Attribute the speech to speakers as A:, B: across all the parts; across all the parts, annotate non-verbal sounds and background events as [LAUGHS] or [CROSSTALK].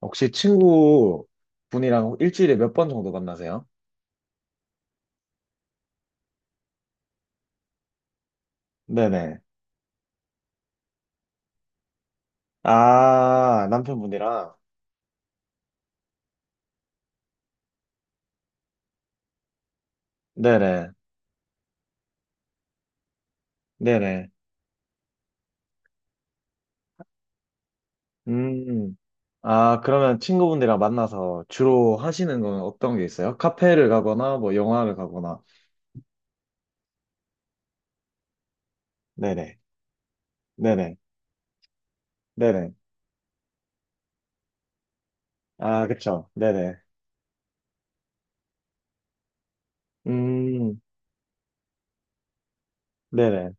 A: 혹시 친구 분이랑 일주일에 몇 번 정도 만나세요? 네네. 아, 남편분이랑? 네네. 네네. 음. 아, 그러면 친구분들이랑 만나서 주로 하시는 건 어떤 게 있어요? 카페를 가거나, 뭐, 영화를 가거나. 네네. 네네. 네네. 아, 그쵸. 네네. 음, 네네.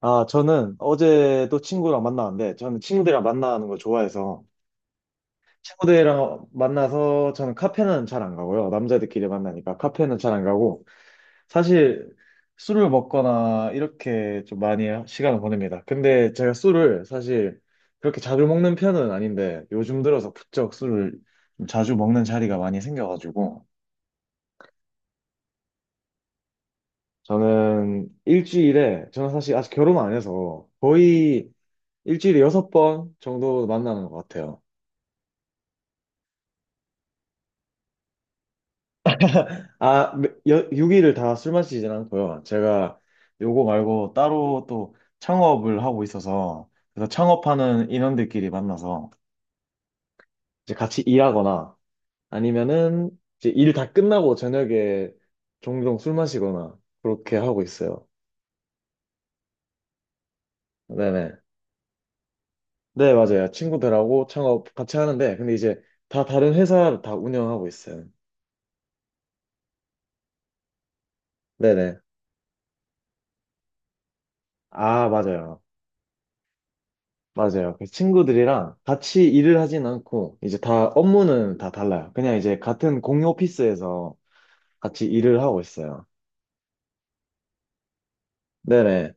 A: 아, 저는 어제도 친구랑 만나는데, 저는 친구들이랑 만나는 걸 좋아해서, 친구들이랑 만나서 저는 카페는 잘 안 가고요. 남자들끼리 만나니까 카페는 잘 안 가고 사실 술을 먹거나 이렇게 좀 많이 시간을 보냅니다. 근데 제가 술을 사실 그렇게 자주 먹는 편은 아닌데 요즘 들어서 부쩍 술을 좀 자주 먹는 자리가 많이 생겨가지고 저는 일주일에 저는 사실 아직 결혼 안 해서 거의 일주일에 여섯 번 정도 만나는 것 같아요. 아, 6일을 다 술 마시진 않고요. 제가 요거 말고 따로 또 창업을 하고 있어서, 그래서 창업하는 인원들끼리 만나서 이제 같이 일하거나 아니면은 이제 일 다 끝나고 저녁에 종종 술 마시거나 그렇게 하고 있어요. 네네. 네, 맞아요. 친구들하고 창업 같이 하는데, 근데 이제 다 다른 회사를 다 운영하고 있어요. 네네. 아, 맞아요. 맞아요. 그 친구들이랑 같이 일을 하진 않고, 이제 다, 업무는 다 달라요. 그냥 이제 같은 공유 오피스에서 같이 일을 하고 있어요. 네네.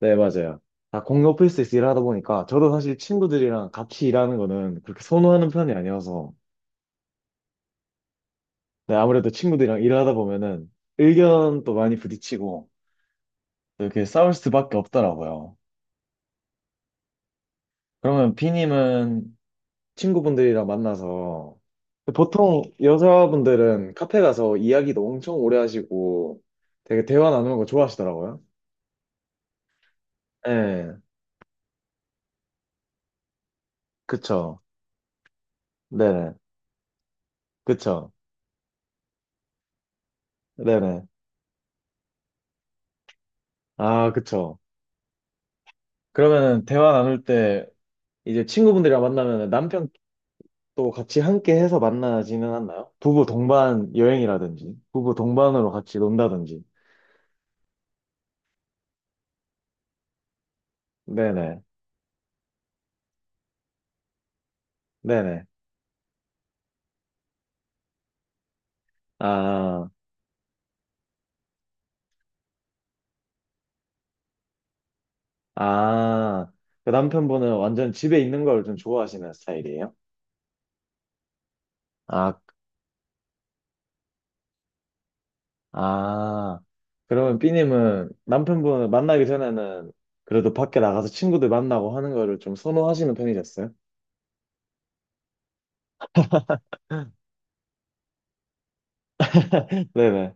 A: 네, 맞아요. 다 공유 오피스에서 일하다 보니까, 저도 사실 친구들이랑 같이 일하는 거는 그렇게 선호하는 편이 아니어서, 네, 아무래도 친구들이랑 일하다 보면은 의견도 많이 부딪히고, 또 이렇게 싸울 수밖에 없더라고요. 그러면 비님은 친구분들이랑 만나서 보통 여자분들은 카페 가서 이야기도 엄청 오래 하시고 되게 대화 나누는 거 좋아하시더라고요. 예, 그쵸. 네네. 그쵸. 네네. 아, 그쵸. 그러면 대화 나눌 때 이제 친구분들이랑 만나면 남편도 같이 함께 해서 만나지는 않나요? 부부 동반 여행이라든지, 부부 동반으로 같이 논다든지. 네네. 네네. 아, 아, 그 남편분은 완전 집에 있는 걸 좀 좋아하시는 스타일이에요? 아, 아, 그러면 B님은 남편분을 만나기 전에는 그래도 밖에 나가서 친구들 만나고 하는 거를 좀 선호하시는 편이셨어요? 네네,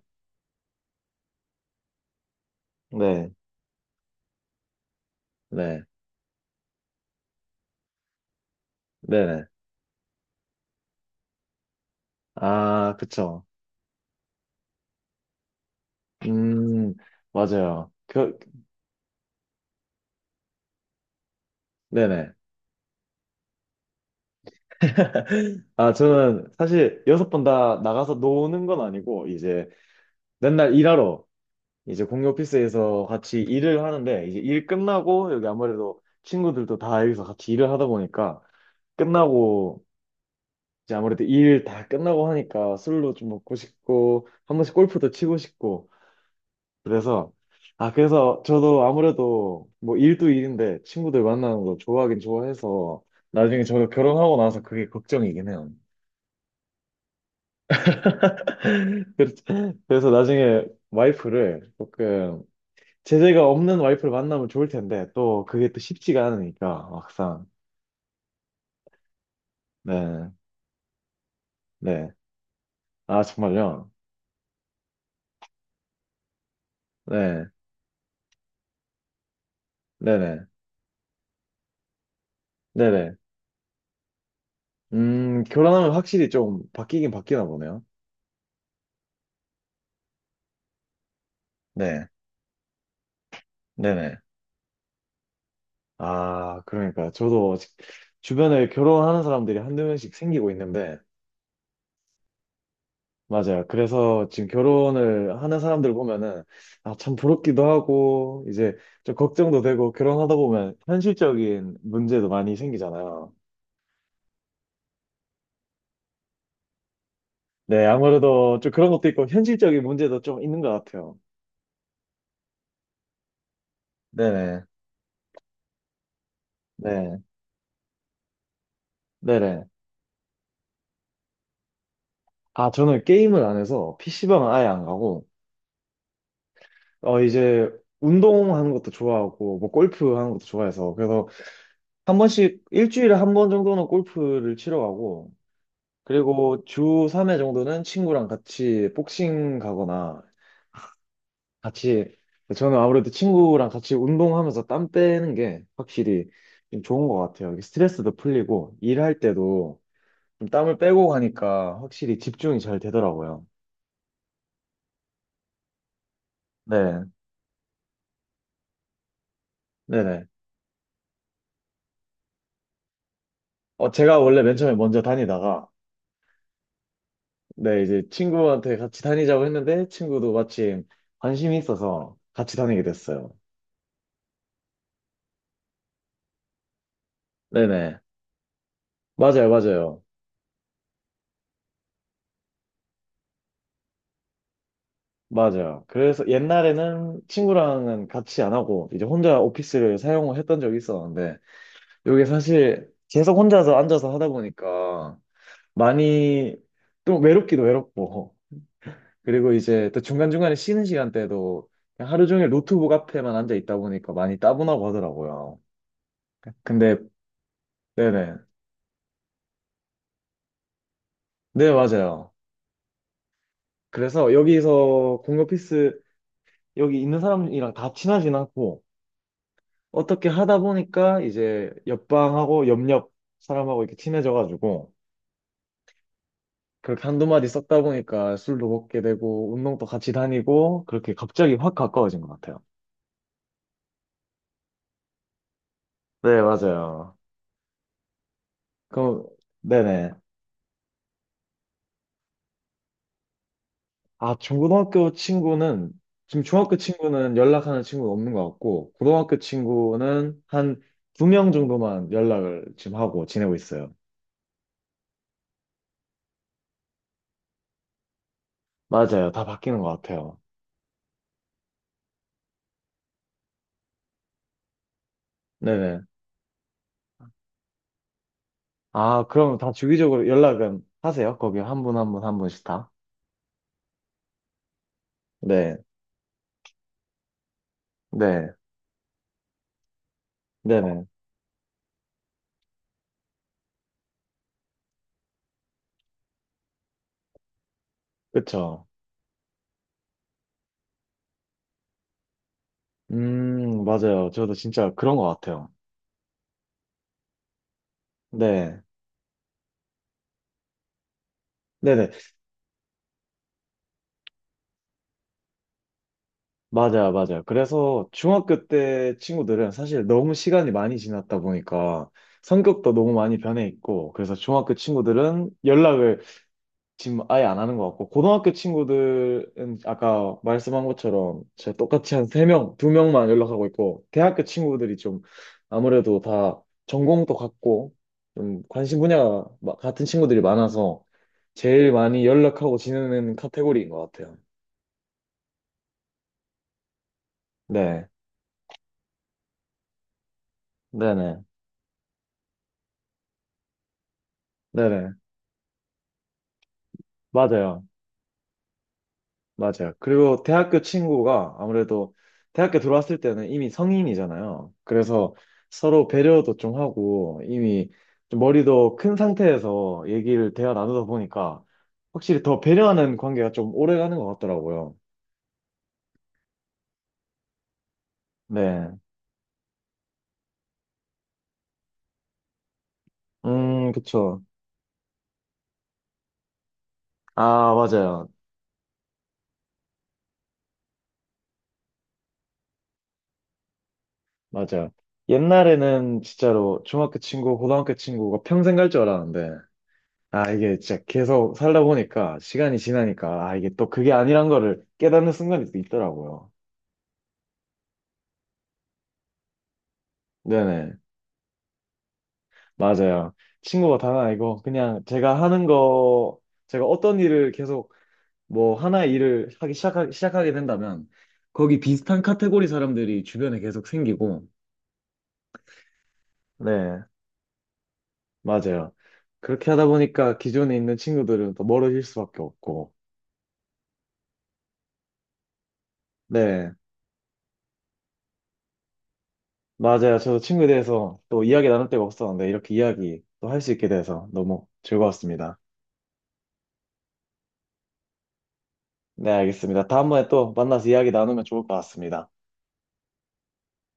A: 네, 네, 네네. 아, 그쵸. 음, 맞아요. 그, 네네. 아, 저는 사실 여섯 번 다 나가서 노는 건 아니고, 이제 맨날 일하러 이제 공유 오피스에서 같이 일을 하는데 이제 일 끝나고 여기 아무래도 친구들도 다 여기서 같이 일을 하다 보니까 끝나고 이제 아무래도 일 다 끝나고 하니까 술도 좀 먹고 싶고 한 번씩 골프도 치고 싶고 그래서 그래서 저도 아무래도 뭐 일도 일인데 친구들 만나는 거 좋아하긴 좋아해서 나중에 저도 결혼하고 나서 그게 걱정이긴 해요. [LAUGHS] 그래서 그래서 나중에 와이프를 조금 제재가 없는 와이프를 만나면 좋을 텐데, 또 그게 또 쉽지가 않으니까, 막상. 네, 네. 아, 정말요? 네, 네네, 네네. 결혼하면 확실히 좀 바뀌긴 바뀌나 보네요. 네, 네네. 아, 그러니까 저도 아직 주변에 결혼하는 사람들이 한두 명씩 생기고 있는데, 맞아요. 그래서 지금 결혼을 하는 사람들 보면은, 아, 참 부럽기도 하고, 이제 좀 걱정도 되고, 결혼하다 보면 현실적인 문제도 많이 생기잖아요. 네, 아무래도 좀 그런 것도 있고 현실적인 문제도 좀 있는 것 같아요. 네네. 네, 네네. 아, 저는 게임을 안 해서 PC방은 아예 안 가고, 어, 이제 운동하는 것도 좋아하고, 뭐 골프 하는 것도 좋아해서, 그래서 한 번씩, 일주일에 한 번 정도는 골프를 치러 가고, 그리고 주 3회 정도는 친구랑 같이 복싱 가거나, 같이, 저는 아무래도 친구랑 같이 운동하면서 땀 빼는 게 확실히 좀 좋은 것 같아요. 이게 스트레스도 풀리고, 일할 때도 좀 땀을 빼고 가니까 확실히 집중이 잘 되더라고요. 네, 네네. 어, 제가 원래 맨 처음에 먼저 다니다가, 네, 이제 친구한테 같이 다니자고 했는데, 친구도 마침 관심이 있어서 같이 다니게 됐어요. 네네. 맞아요, 맞아요. 맞아요. 그래서 옛날에는 친구랑은 같이 안 하고, 이제 혼자 오피스를 사용을 했던 적이 있었는데, 이게 사실 계속 혼자서 앉아서 하다 보니까, 많이 또 외롭기도 외롭고, 그리고 이제 또 중간중간에 쉬는 시간대도 그냥 하루 종일 노트북 앞에만 앉아 있다 보니까 많이 따분하고 하더라고요. 근데, 네네. 네, 맞아요. 그래서 여기서 공유 피스 여기 있는 사람이랑 다 친하진 않고 어떻게 하다 보니까 이제 옆방하고 옆옆 사람하고 이렇게 친해져가지고 그렇게 한두 마디 썼다 보니까 술도 먹게 되고 운동도 같이 다니고 그렇게 갑자기 확 가까워진 것 같아요. 네, 맞아요. 그럼, 네네. 아, 중고등학교 친구는, 지금 중학교 친구는 연락하는 친구는 없는 것 같고, 고등학교 친구는 한 두 명 정도만 연락을 지금 하고 지내고 있어요. 맞아요. 다 바뀌는 것 같아요. 네네. 아, 그럼 다 주기적으로 연락은 하세요? 거기 한 분, 한 분, 한 분씩 다? 네. 네. 네네. 그쵸. 맞아요. 저도 진짜 그런 것 같아요. 네. 네네. 맞아요, 맞아요. 그래서 중학교 때 친구들은 사실 너무 시간이 많이 지났다 보니까 성격도 너무 많이 변해 있고, 그래서 중학교 친구들은 연락을 지금 아예 안 하는 것 같고, 고등학교 친구들은 아까 말씀한 것처럼 제 똑같이 한 세명두명만 연락하고 있고, 대학교 친구들이 좀 아무래도 다 전공도 같고, 좀 관심 분야가 같은 친구들이 많아서 제일 많이 연락하고 지내는 카테고리인 것 같아요. 네, 네네, 네네. 맞아요. 맞아요. 그리고 대학교 친구가 아무래도 대학교 들어왔을 때는 이미 성인이잖아요. 그래서 서로 배려도 좀 하고 이미 좀 머리도 큰 상태에서 얘기를 대화 나누다 보니까 확실히 더 배려하는 관계가 좀 오래 가는 것 같더라고요. 네. 그쵸. 아, 맞아요. 맞아요. 옛날에는 진짜로 중학교 친구, 고등학교 친구가 평생 갈 줄 알았는데 아, 이게 진짜 계속 살다 보니까 시간이 지나니까 아, 이게 또 그게 아니란 거를 깨닫는 순간이 또 있더라고요. 네네. 맞아요. 친구가 단 아니고 그냥 제가 하는 거, 제가 어떤 일을 계속 뭐 하나의 일을 하기 시작하게 된다면 거기 비슷한 카테고리 사람들이 주변에 계속 생기고 네, 맞아요. 그렇게 하다 보니까 기존에 있는 친구들은 또 멀어질 수밖에 없고 네. 맞아요. 저도 친구에 대해서 또 이야기 나눌 데가 없었는데 이렇게 이야기 또 할 수 있게 돼서 너무 즐거웠습니다. 네, 알겠습니다. 다음번에 또 만나서 이야기 나누면 좋을 것 같습니다.